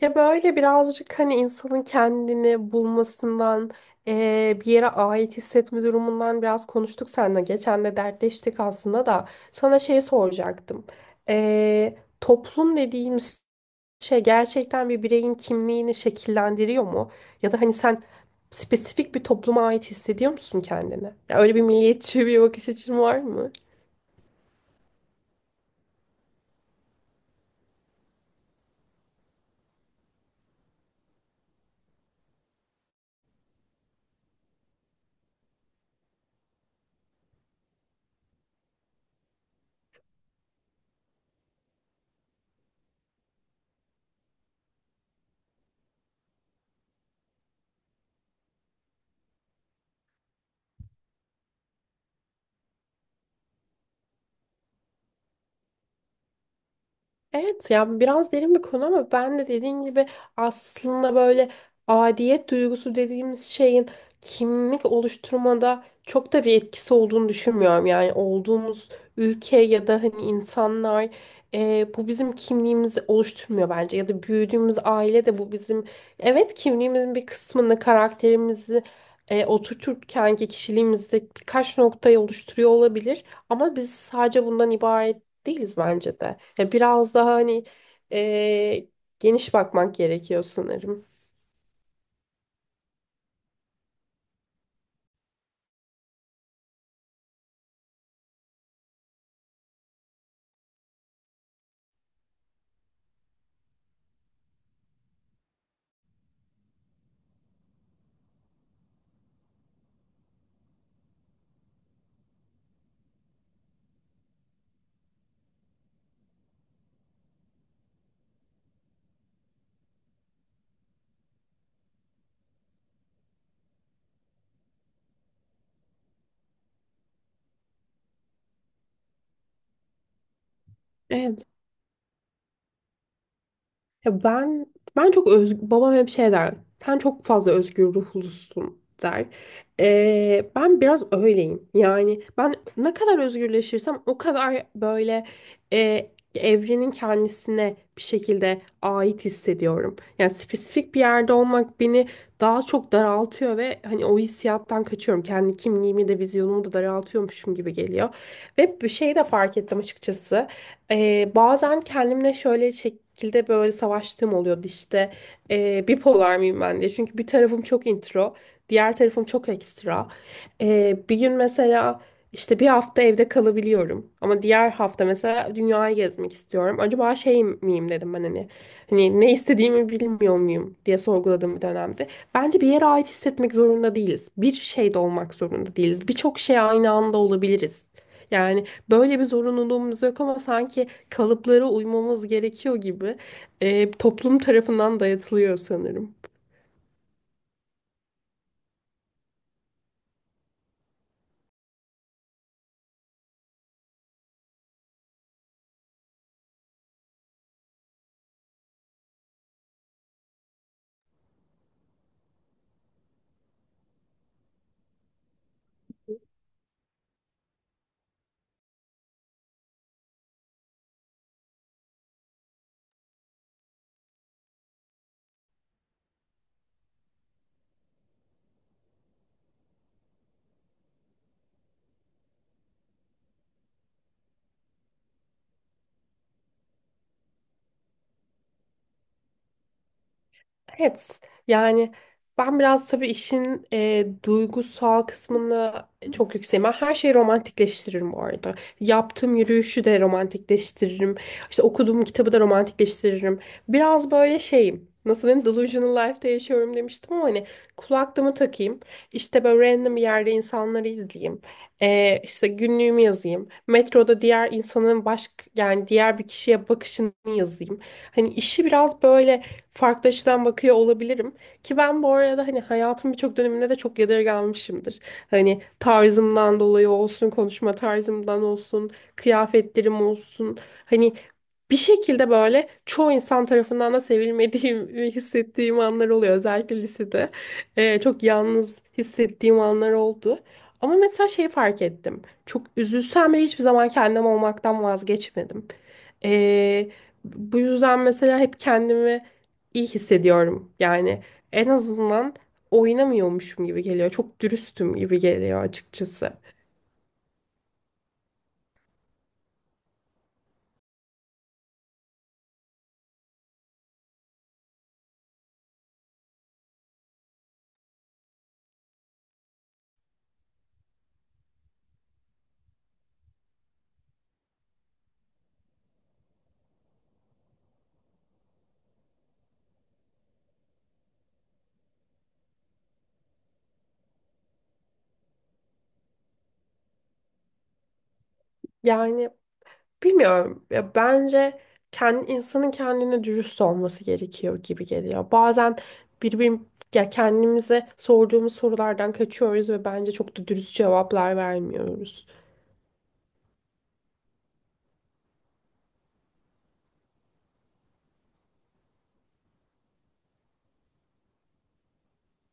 Ya böyle birazcık hani insanın kendini bulmasından, bir yere ait hissetme durumundan biraz konuştuk seninle. Geçen de dertleştik aslında da. Sana şey soracaktım. Eee, toplum dediğimiz şey gerçekten bir bireyin kimliğini şekillendiriyor mu? Ya da hani sen spesifik bir topluma ait hissediyor musun kendini? Ya öyle bir milliyetçi bir bakış açın var mı? Evet, ya biraz derin bir konu ama ben de dediğin gibi aslında böyle aidiyet duygusu dediğimiz şeyin kimlik oluşturmada çok da bir etkisi olduğunu düşünmüyorum. Yani olduğumuz ülke ya da hani insanlar, bu bizim kimliğimizi oluşturmuyor bence ya da büyüdüğümüz aile de bu bizim, evet, kimliğimizin bir kısmını, karakterimizi oturturken ki kişiliğimizde birkaç noktayı oluşturuyor olabilir ama biz sadece bundan ibaret değiliz bence de. Ya biraz daha hani e, geniş bakmak gerekiyor sanırım. Evet. Ya ben çok, öz babam hep şey der. Sen çok fazla özgür ruhlusun, der. Ben biraz öyleyim. Yani ben ne kadar özgürleşirsem o kadar böyle evrenin kendisine bir şekilde ait hissediyorum. Yani spesifik bir yerde olmak beni daha çok daraltıyor ve hani o hissiyattan kaçıyorum. Kendi kimliğimi de vizyonumu da daraltıyormuşum gibi geliyor. Ve bir şey de fark ettim açıkçası. Bazen kendimle şöyle şekilde böyle savaştığım oluyordu işte, bipolar mıyım ben diye. Çünkü bir tarafım çok intro, diğer tarafım çok ekstra. Bir gün mesela işte bir hafta evde kalabiliyorum ama diğer hafta mesela dünyayı gezmek istiyorum. Acaba şey miyim dedim ben, hani ne istediğimi bilmiyor muyum diye sorguladığım bir dönemde. Bence bir yere ait hissetmek zorunda değiliz. Bir şeyde olmak zorunda değiliz. Birçok şey aynı anda olabiliriz. Yani böyle bir zorunluluğumuz yok ama sanki kalıplara uymamız gerekiyor gibi toplum tarafından dayatılıyor sanırım. Evet, yani ben biraz tabii işin duygusal kısmını çok yükseğim. Ben her şeyi romantikleştiririm bu arada. Yaptığım yürüyüşü de romantikleştiririm. İşte okuduğum kitabı da romantikleştiririm. Biraz böyle şeyim. Nasıl diyeyim? Delusional life'da yaşıyorum demiştim ama hani kulaklığımı takayım. İşte böyle random bir yerde insanları izleyeyim. İşte günlüğümü yazayım. Metroda diğer insanın baş, yani diğer bir kişiye bakışını yazayım. Hani işi biraz böyle farklı açıdan bakıyor olabilirim. Ki ben bu arada hani hayatımın birçok döneminde de çok yadırganmışımdır. Hani tarzımdan dolayı olsun, konuşma tarzımdan olsun, kıyafetlerim olsun. Hani bir şekilde böyle çoğu insan tarafından da sevilmediğimi hissettiğim anlar oluyor. Özellikle lisede. Çok yalnız hissettiğim anlar oldu. Ama mesela şeyi fark ettim. Çok üzülsem bile hiçbir zaman kendim olmaktan vazgeçmedim. Ee, Bu yüzden mesela hep kendimi iyi hissediyorum. Yani en azından oynamıyormuşum gibi geliyor. Çok dürüstüm gibi geliyor açıkçası. Yani bilmiyorum. Ya bence kendi, insanın kendine dürüst olması gerekiyor gibi geliyor. Bazen birbirim ya kendimize sorduğumuz sorulardan kaçıyoruz ve bence çok da dürüst cevaplar vermiyoruz.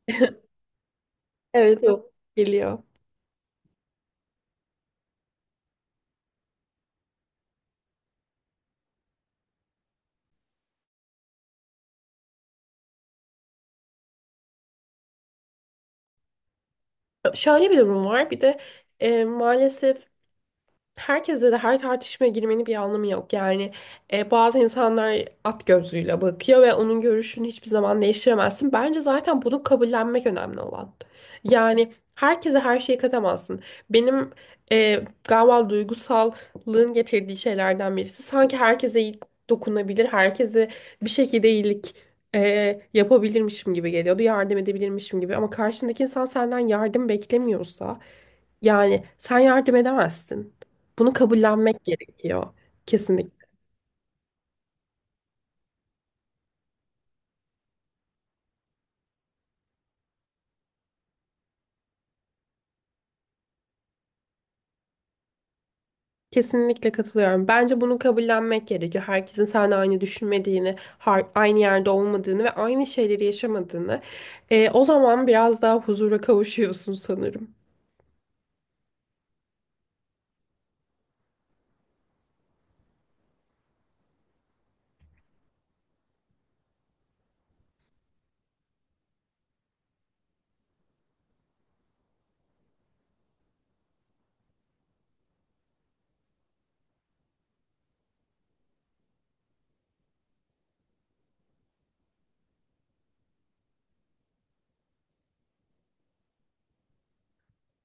Evet, o geliyor. Şöyle bir durum var. Bir de maalesef herkese de her tartışmaya girmenin bir anlamı yok. Yani bazı insanlar at gözlüğüyle bakıyor ve onun görüşünü hiçbir zaman değiştiremezsin. Bence zaten bunu kabullenmek önemli olan. Yani herkese her şeyi katamazsın. Benim galiba duygusallığın getirdiği şeylerden birisi. Sanki herkese iyi dokunabilir, herkese bir şekilde iyilik yapabilirmişim gibi geliyordu. Yardım edebilirmişim gibi. Ama karşındaki insan senden yardım beklemiyorsa, yani sen yardım edemezsin. Bunu kabullenmek gerekiyor. Kesinlikle. Kesinlikle katılıyorum. Bence bunu kabullenmek gerekiyor. Herkesin seninle aynı düşünmediğini, aynı yerde olmadığını ve aynı şeyleri yaşamadığını. O zaman biraz daha huzura kavuşuyorsun sanırım.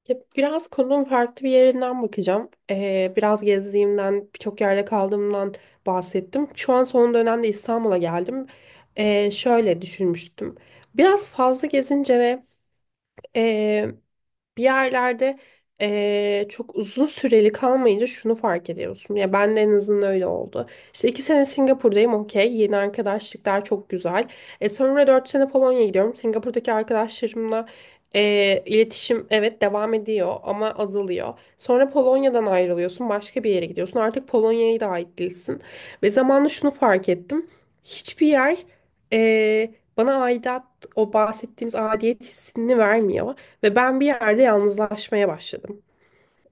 Ya, biraz konunun farklı bir yerinden bakacağım. Biraz gezdiğimden, birçok yerde kaldığımdan bahsettim. Şu an son dönemde İstanbul'a geldim. Şöyle düşünmüştüm. Biraz fazla gezince ve bir yerlerde çok uzun süreli kalmayınca şunu fark ediyorsun. Ya ben de en azından öyle oldu. İşte 2 sene Singapur'dayım, okey. Yeni arkadaşlıklar çok güzel. Sonra 4 sene Polonya'ya gidiyorum. Singapur'daki arkadaşlarımla iletişim, evet, devam ediyor ama azalıyor. Sonra Polonya'dan ayrılıyorsun. Başka bir yere gidiyorsun. Artık Polonya'ya da ait değilsin. Ve zamanla şunu fark ettim. Hiçbir yer bana aidat, o bahsettiğimiz aidiyet hissini vermiyor. Ve ben bir yerde yalnızlaşmaya başladım.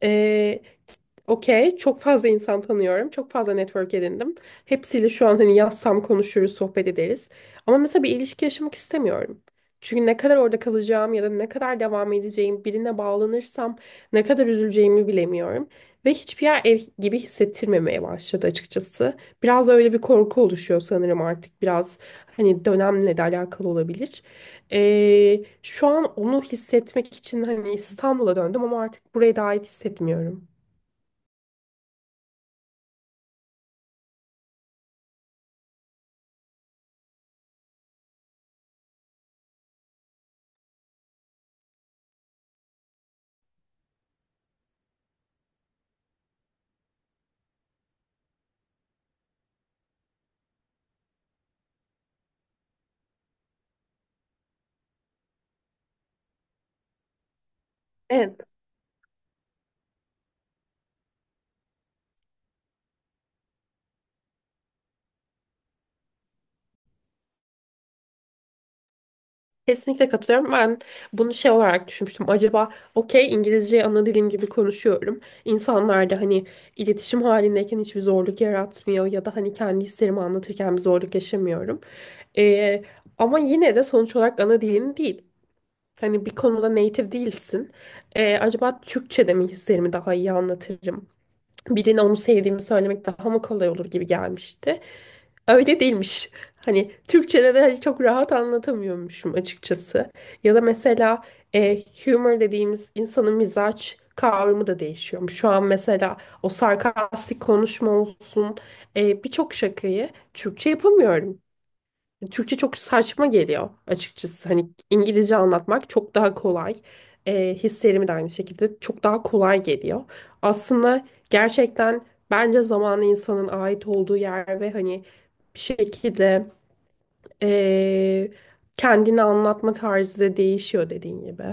Ee, Okey, çok fazla insan tanıyorum. Çok fazla network edindim. Hepsiyle şu an hani, yazsam konuşuruz, sohbet ederiz. Ama mesela bir ilişki yaşamak istemiyorum. Çünkü ne kadar orada kalacağım ya da ne kadar devam edeceğim, birine bağlanırsam ne kadar üzüleceğimi bilemiyorum. Ve hiçbir yer ev gibi hissettirmemeye başladı açıkçası. Biraz da öyle bir korku oluşuyor sanırım artık. Biraz hani dönemle de alakalı olabilir. Şu an onu hissetmek için hani İstanbul'a döndüm ama artık buraya da ait hissetmiyorum. Evet. Kesinlikle katılıyorum. Ben bunu şey olarak düşünmüştüm. Acaba, okey, İngilizceyi ana dilim gibi konuşuyorum. İnsanlar da hani iletişim halindeyken hiçbir zorluk yaratmıyor ya da hani kendi hislerimi anlatırken bir zorluk yaşamıyorum. Ee, Ama yine de sonuç olarak ana dilin değil. Hani bir konuda native değilsin. Acaba Türkçe'de mi hislerimi daha iyi anlatırım, birine onu sevdiğimi söylemek daha mı kolay olur gibi gelmişti. Öyle değilmiş. Hani Türkçe'de de hani çok rahat anlatamıyormuşum açıkçası. Ya da mesela humor dediğimiz insanın mizaç kavramı da değişiyormuş. Şu an mesela o sarkastik konuşma olsun, birçok şakayı Türkçe yapamıyorum. Türkçe çok saçma geliyor açıkçası. Hani İngilizce anlatmak çok daha kolay. Hislerimi de aynı şekilde çok daha kolay geliyor. Aslında gerçekten bence zamanı insanın ait olduğu yer ve hani bir şekilde ee, kendini anlatma tarzı da değişiyor dediğin gibi.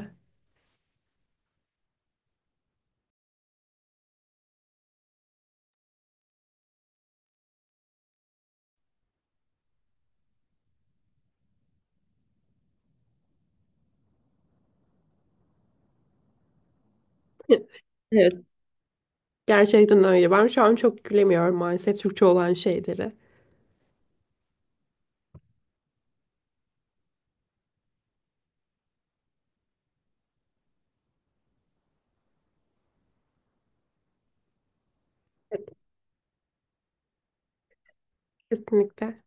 Evet, gerçekten öyle. Ben şu an çok gülemiyorum maalesef Türkçe olan şeyleri. Evet, kesinlikle.